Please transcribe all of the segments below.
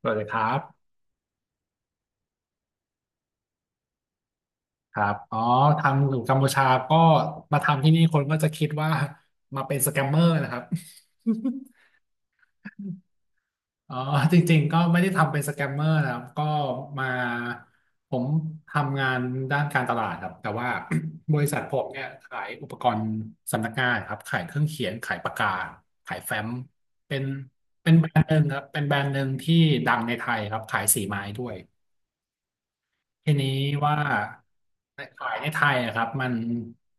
สวัสดีครับครับอ๋อทางอยู่กัมพูชาก็มาทำที่นี่คนก็จะคิดว่ามาเป็นสแกมเมอร์นะครับ อ๋อจริงๆก็ไม่ได้ทำเป็นสแกมเมอร์นะครับก็มาผมทำงานด้านการตลาดครับแต่ว่า บริษัทผมเนี่ยขายอุปกรณ์สำนักงานครับขายเครื่องเขียนขายปากกาขายแฟ้มเป็นเป็นแบรนด์หนึ่งครับเป็นแบรนด์หนึ่งที่ดังในไทยครับขายสีไม้ด้วย ทีนี้ว่าขายในไทยอะครับมัน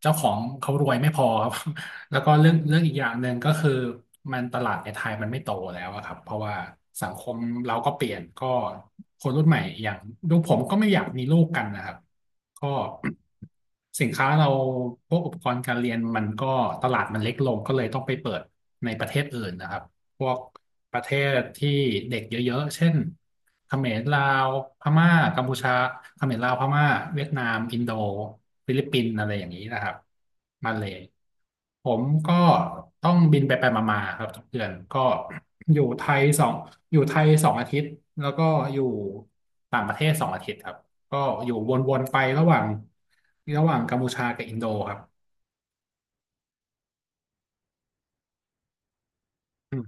เจ้าของเขารวยไม่พอครับ แล้วก็เรื่องอีกอย่างหนึ่งก็คือมันตลาดในไทยมันไม่โตแล้วอะครับเพราะว่าสังคมเราก็เปลี่ยนก็คนรุ่นใหม่อย่างลูกผมก็ไม่อยากมีลูกกันนะครับก็ สินค้าเราพวกอุปกรณ์การเรียนมันก็ตลาดมันเล็กลงก็เลยต้องไปเปิดในประเทศอื่นนะครับพวกประเทศที่เด็กเยอะๆเช่น เขมรลาวพม่ากัมพูชาเขมรลาวพม่าเวียดนามอินโดฟิลิปปินส์อะไรอย่างนี้นะครับมาเลยผมก็ต้องบินไปมาๆครับทุกเดือนก็อยู่ไทยสองอยู่ไทยสองอาทิตย์แล้วก็อยู่ต่างประเทศสองอาทิตย์ครับก็อยู่วนๆไประหว่างกัมพูชากับอินโดครับอืม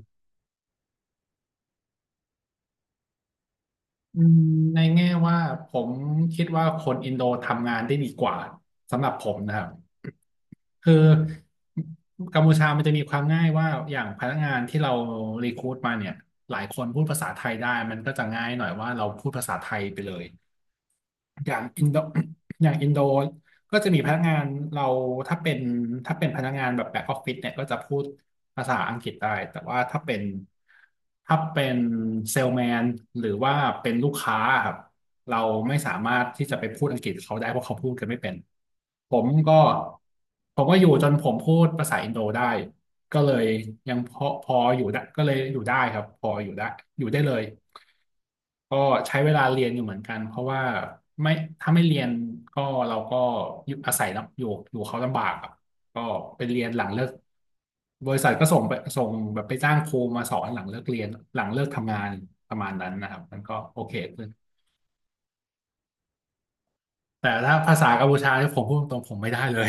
อืมในแง่ว่าผมคิดว่าคนอินโดทำงานได้ดีกว่าสำหรับผมนะครับ คือกัมพูชามันจะมีความง่ายว่าอย่างพนักงานที่เรารีครูทมาเนี่ยหลายคนพูดภาษาไทยได้มันก็จะง่ายหน่อยว่าเราพูดภาษาไทยไปเลย อย่างอินโด อย่างอินโดก็จะมีพนักงานเราถ้าเป็นถ้าเป็นพนักงานแบบแบ็กออฟฟิศเนี่ยก็จะพูดภาษาอังกฤษได้แต่ว่าถ้าเป็นเซลแมนหรือว่าเป็นลูกค้าครับเราไม่สามารถที่จะไปพูดอังกฤษกับเขาได้เพราะเขาพูดกันไม่เป็นผมก็ผมก็อยู่จนผมพูดภาษาอินโดได้ก็เลยยังพออยู่ได้ก็เลยอยู่ได้ครับพออยู่ได้อยู่ได้เลย ก็ใช้เวลาเรียนอยู่เหมือนกันเพราะว่าไม่ถ้าไม่เรียนก็เราก็อยู่อาศัยลำอยู่อยู่เขาลำบากอะก็ไปเรียนหลังเลิกบริษัทก็ส่งแบบไปจ้างครูมาสอนหลังเลิกเรียนหลังเลิกทำงานประมาณนั้นนะครับมันก็โอเคขึ้นแต่ถ้าภาษากัมพูชาที่ยผมพูดตรงๆผมไม่ได้เลย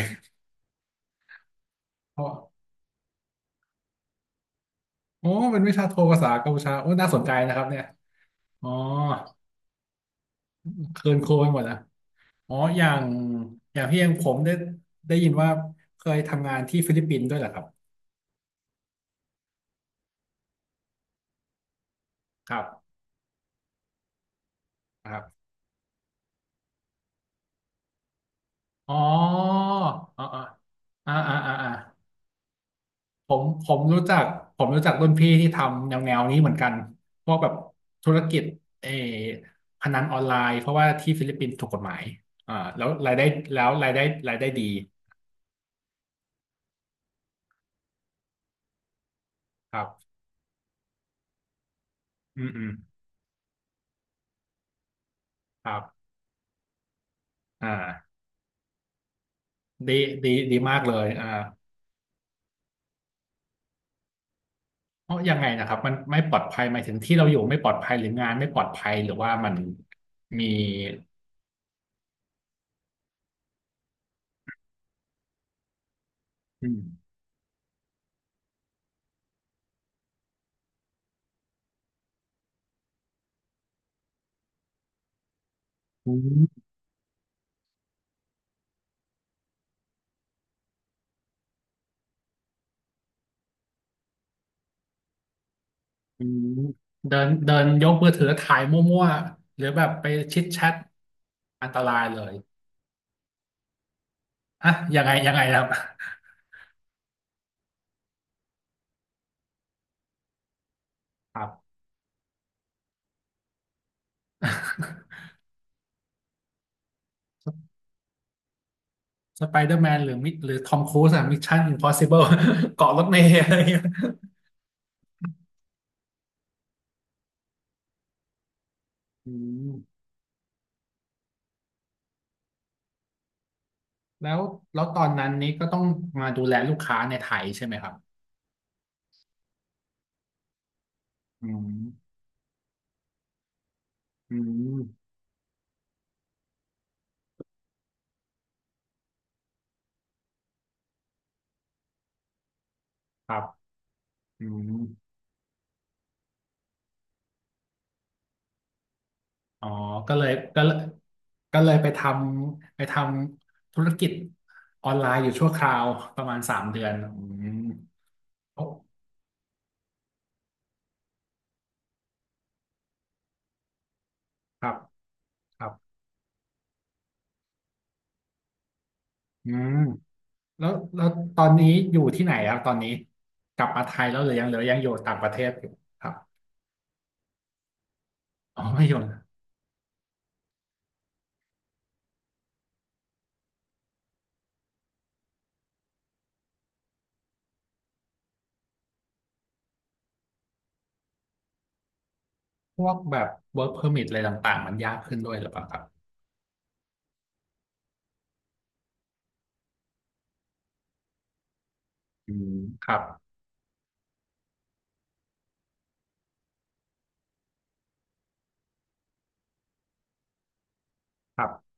เพราะโอ้เป็นวิชาโทภาษากัมพูชาโอ้น่าสนใจนะครับเนี่ยอ๋อเคินโคไปหมดนะอ๋ออย่างอย่างพี่เองผมได้ยินว่าเคยทำงานที่ฟิลิปปินส์ด้วยเหรอครับ ครับครับอ๋ออ๋ออ๋ออ่าอ่าอ่าผมรู้จักผมรู้จักรุ่นพี่ที่ทำแนวนี้เหมือนกันพวกแบบธุรกิจเออพนันออนไลน์เพราะว่าที่ฟิลิปปินส์ถูกกฎหมายอ่าแล้วรายได้แล้วรายได้รายได้ดีครับอืมอืมครับอ่าดีดีดีมากเลยอ่าเพราะยังไงนะครับมันไม่ปลอดภัยหมายถึงที่เราอยู่ไม่ปลอดภัยหรืองานไม่ปลอดภัยหรือว่ามันมีอืมอืม อืมเดินเดินยกมือถือถ่ายมั่วๆหรือแบบไปชิดแชทอันตรายเลยอะยังไงครับครับ สไปเดอร์แมนหรือมิหรือทอมครูซอะมิชชั่นอิมพอสิ เบิลเกาะรถเมล์อะไรอย่างเงี้ยอืมแล้วแล้วตอนนั้นนี้ก็ต้องมาดูแลลูกค้าในไทยใช่ไหมครับอืมอืมครับอืม อ๋อก็เลยก็เลยก็เลยไปทำไปทำธุรกิจออนไลน์อยู่ชั่วคราวประมาณสามเดือนอืมโอ้ครับ ครับอืมแล้วแล้วตอนนี้อยู่ที่ไหนครับตอนนี้กลับมาไทยแล้วหรือยังหรือยังอยู่ต่างประเทศอยู่ครับอ๋อไม่อยู่นะพวกแบบ work permit อะไรต่างๆมันยากขึ้นด้วยหรือเปล่าครับอืมครับครับ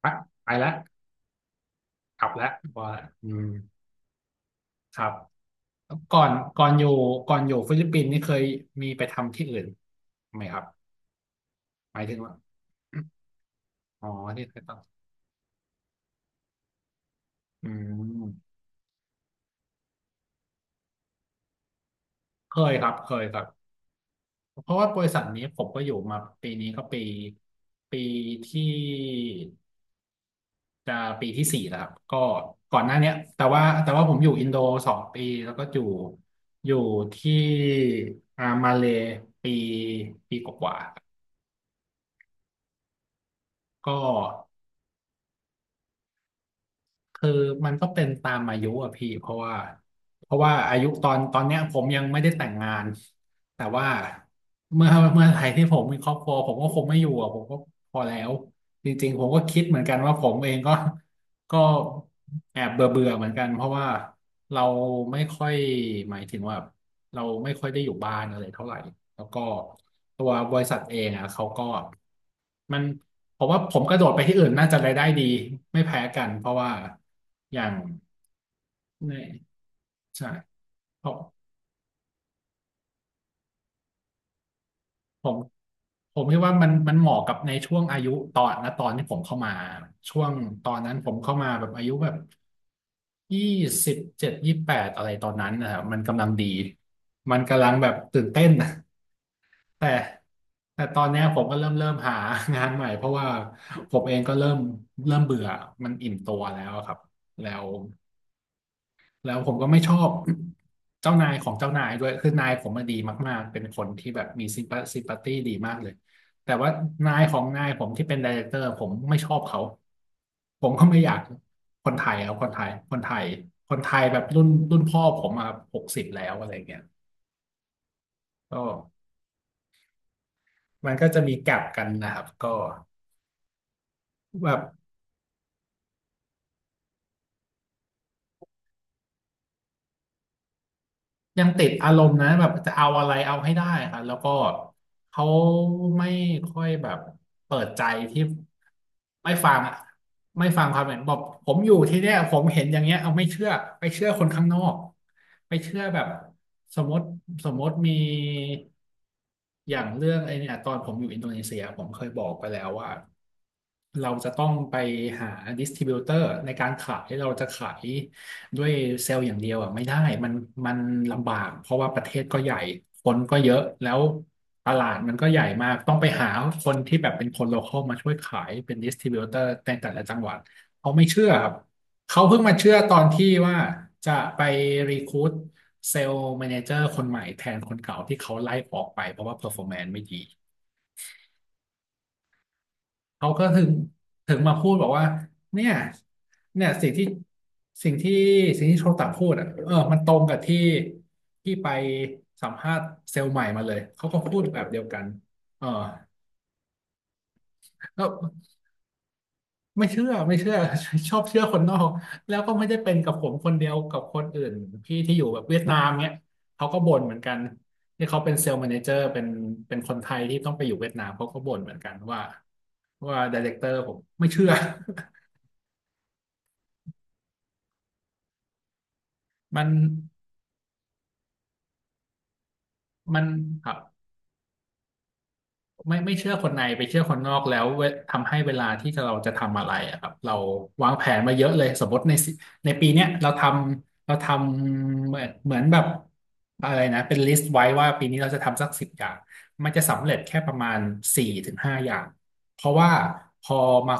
ไปไปแล้วกลับแล้วพอแล้วอืมครับ ก่อนก่อนอยู่ก่อนอยู่ฟิลิปปินส์นี่เคยมีไปทำที่อื่นไหมครับหมายถึงว่าอ๋อที่เคยต้องอืมเคยครับเคยครับเพราะว่าบริษัทนี้ผมก็อยู่มาปีนี้ก็ปีที่จะปีที่สี่แล้วครับก็ก่อนหน้าเนี้ยแต่ว่าผมอยู่อินโดสองปีแล้วก็อยู่ที่อ่ามาเลย์ปีปีกว่าๆก็ คือมันก็เป็นตามอายุอะพี่เพราะว่าอายุตอนเนี้ยผมยังไม่ได้แต่งงานแต่ว่าเมื่อไหร่ที่ผมมีครอบครัวผมก็คงไม่อยู่อะผมก็พอแล้วจริงๆผมก็คิดเหมือนกันว่าผมเองก็ก็แอบเบื่อเบื่อเหมือนกันเพราะว่าเราไม่ค่อยหมายถึงว่า เราไม่ค่อยได้อยู่บ้านอะไรเท่าไหร่แล้วก็ตัวบริษัทเองอ่ะเขาก็มันผมว่าผมกระโดดไปที่อื่นน่าจะรายได้ดีไม่แพ้กันเพราะว่าอย่างในใช่ผมผมผมคิดว่ามันเหมาะกับในช่วงอายุตอนนะตอนที่ผมเข้ามาช่วงตอนนั้นผมเข้ามาแบบอายุแบบ2728อะไรตอนนั้นนะครับมันกำลังดีมันกำลังแบบตื่นเต้นนะ แต่แต่ตอนเนี้ยผมก็เริ่มหางานใหม่เพราะว่าผมเองก็เริ่มเบื่อมันอิ่มตัวแล้วอะครับแล้วแล้วผมก็ไม่ชอบเจ้านายของเจ้านายด้วยคือนายผมมาดีมากๆเป็นคนที่แบบมีซิมพัตตี้ดีมากเลยแต่ว่านายของนายผมที่เป็นไดเรคเตอร์ผมไม่ชอบเขาผมก็ไม่อยากคนไทยเอาคนไทยคนไทยแบบรุ่นพ่อผมมา60แล้วอะไรเงี้ยก็มันก็จะมีแกลบกันนะครับก็แบบ ยังติดอารมณ์นะแบบจะเอาอะไรเอาให้ได้ครับแล้วก็เขาไม่ค่อยแบบเปิดใจที่ไม่ฟังอะไม่ฟังความเห็นบอกผมอยู่ที่เนี่ยผมเห็นอย่างเงี้ยเอาไม่เชื่อไปเชื่อคนข้างนอกไปเชื่อแบบสมมติสมมติมีอย่างเรื่องไอ้เนี่ยตอนผมอยู่อินโดนีเซียผมเคยบอกไปแล้วว่าเราจะต้องไปหาดิส t r บิ u เตอร์ในการขายเราจะขาย ด้วยเซลล์อย่างเดียวอ่ะไม่ได้มันมันลำบากเพราะว่าประเทศก็ใหญ่คนก็เยอะแล้วตลาดมันก็ใหญ่มากต้องไปหาคนที่แบบเป็นคนโลคอลมาช่วยขายเป็นดิส t r บิ u เตอร์ในแต่ละจังหวัดเขาไม่เชื่อครับเขาเพิ่งมาเชื่อตอนที่ว่าจะไปรีคู u เซลล์แมเนเจอร์คนใหม่แทนคนเก่าที่เขาไล่ออกไปเพราะว่าเพอร์ฟอร์แมนซ์ไม่ดี เขาก็ถึงถึงมาพูดบอกว่าเนี่ยเนี่ยสิ่งที่สิ่งที่โชตะพูดอ่ะเออมันตรงกับที่ที่ไปสัมภาษณ์เซลล์ใหม่มาเลยเขาก็พูดแบบเดียวกันเออแล้วไม่เชื่อ ชอบเชื่อคนนอกแล้วก็ไม่ได้เป็นกับผมคนเดียวกับคนอื่นพี่ที่อยู่แบบเวียดนามเนี่ยเขาก็บ่นเหมือนกันที่เขาเป็นเซลล์แมเนเจอร์เป็นคนไทยที่ต้องไปอยู่เวียดนามเขาก็บ่นเหมือนกันว่าไดเรคเตอร์ผมไม่เชื่อ มัน มันครับ ไม่เชื่อคนในไปเชื่อคนนอกแล้วเวทำให้เวลาที่เราจะทำอะไรอะครับเราวางแผนมาเยอะเลยสมมติในสิในปีเนี้ยเราทำเหมือนแบบอะไรนะเป็นลิสต์ไว้ว่าปีนี้เราจะทำสักสิบอย่างมันจะสำเร็จแค่ประมาณ4-5อย่างเพราะว่าพอมา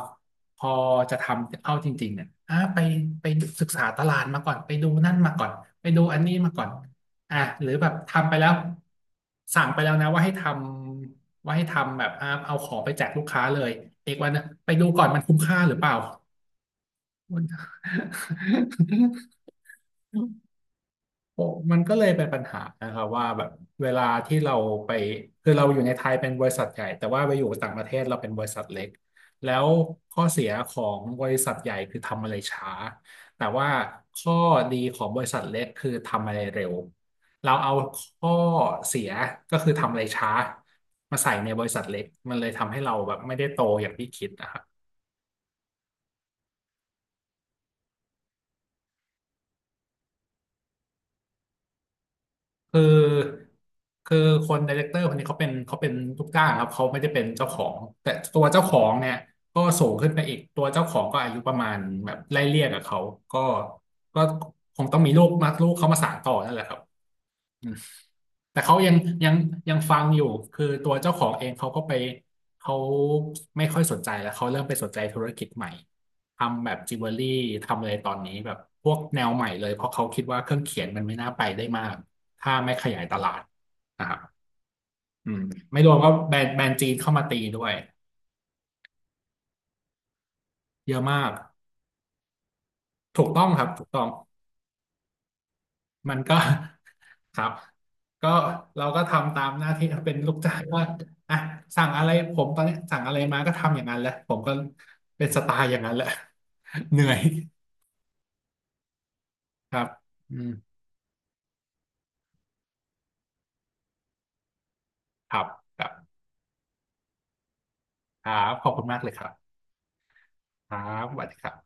พอจะทำเอาจริงๆเนี่ยอ่ะไปศึกษาตลาดมาก่อนไปดูนั่นมาก่อนไปดูอันนี้มาก่อนอ่ะหรือแบบทำไปแล้วสั่งไปแล้วนะว่าให้ทำ ว่าให้ทำแบบอ่าเอาของไปแจกลูกค้าเลย เอกวันนะไปดูก่อนมันคุ้มค่าหรือเปล่า โอ้มันก็เลยเป็นปัญหานะครับว่าแบบเวลาที่เราไปคือเราอยู่ในไทยเป็นบริษัทใหญ่แต่ว่าไปอยู่ต่างประเทศเราเป็นบริษัทเล็กแล้วข้อเสียของบริษัทใหญ่คือทำอะไรช้าแต่ว่าข้อดีของบริษัทเล็กคือทำอะไรเร็วเราเอาข้อเสียก็คือทำอะไรช้ามาใส่ในบริษัทเล็กมันเลยทำให้เราแบบไม่ได้โตอย่างที่คิดนะครับ คือคือคนไดเรคเตอร์คนนี้เขาเป็นลูกจ้างครับเขาไม่ได้เป็นเจ้าของแต่ตัวเจ้าของเนี่ยก็สูงขึ้นไปอีกตัวเจ้าของก็อายุประมาณแบบไล่เลี่ยกับเขาก็ก็คงต้องมีลูกมาลูกเขามาสานต่อนั่นแหละครับ แต่เขายังยังฟังอยู่คือตัวเจ้าของเองเขาก็ไปเขาไม่ค่อยสนใจแล้วเขาเริ่มไปสนใจธุรกิจใหม่ทำแบบจิวเวลรี่ทำอะไรตอนนี้แบบพวกแนวใหม่เลยเพราะเขาคิดว่าเครื่องเขียนมันไม่น่าไปได้มากถ้าไม่ขยายตลาดนะครับอืมไม่รวมว่าแบรนด์จีนเข้ามาตีด้วยเยอะมากถูกต้องครับถูกต้อง มันก็ ครับก็เราก็ทำตามหน้าที่ เป็นลูกจ้างว่าอ่ะสั่งอะไรผมตอนนี้สั่งอะไรมาก็ทำอย่างนั้นแหละผมก็เป็นสไตล์อย่างนั้นแหละ เหนื่อยครับอืมครับครับครับขอบคุณมากเลยครับครับสวัสดีครับ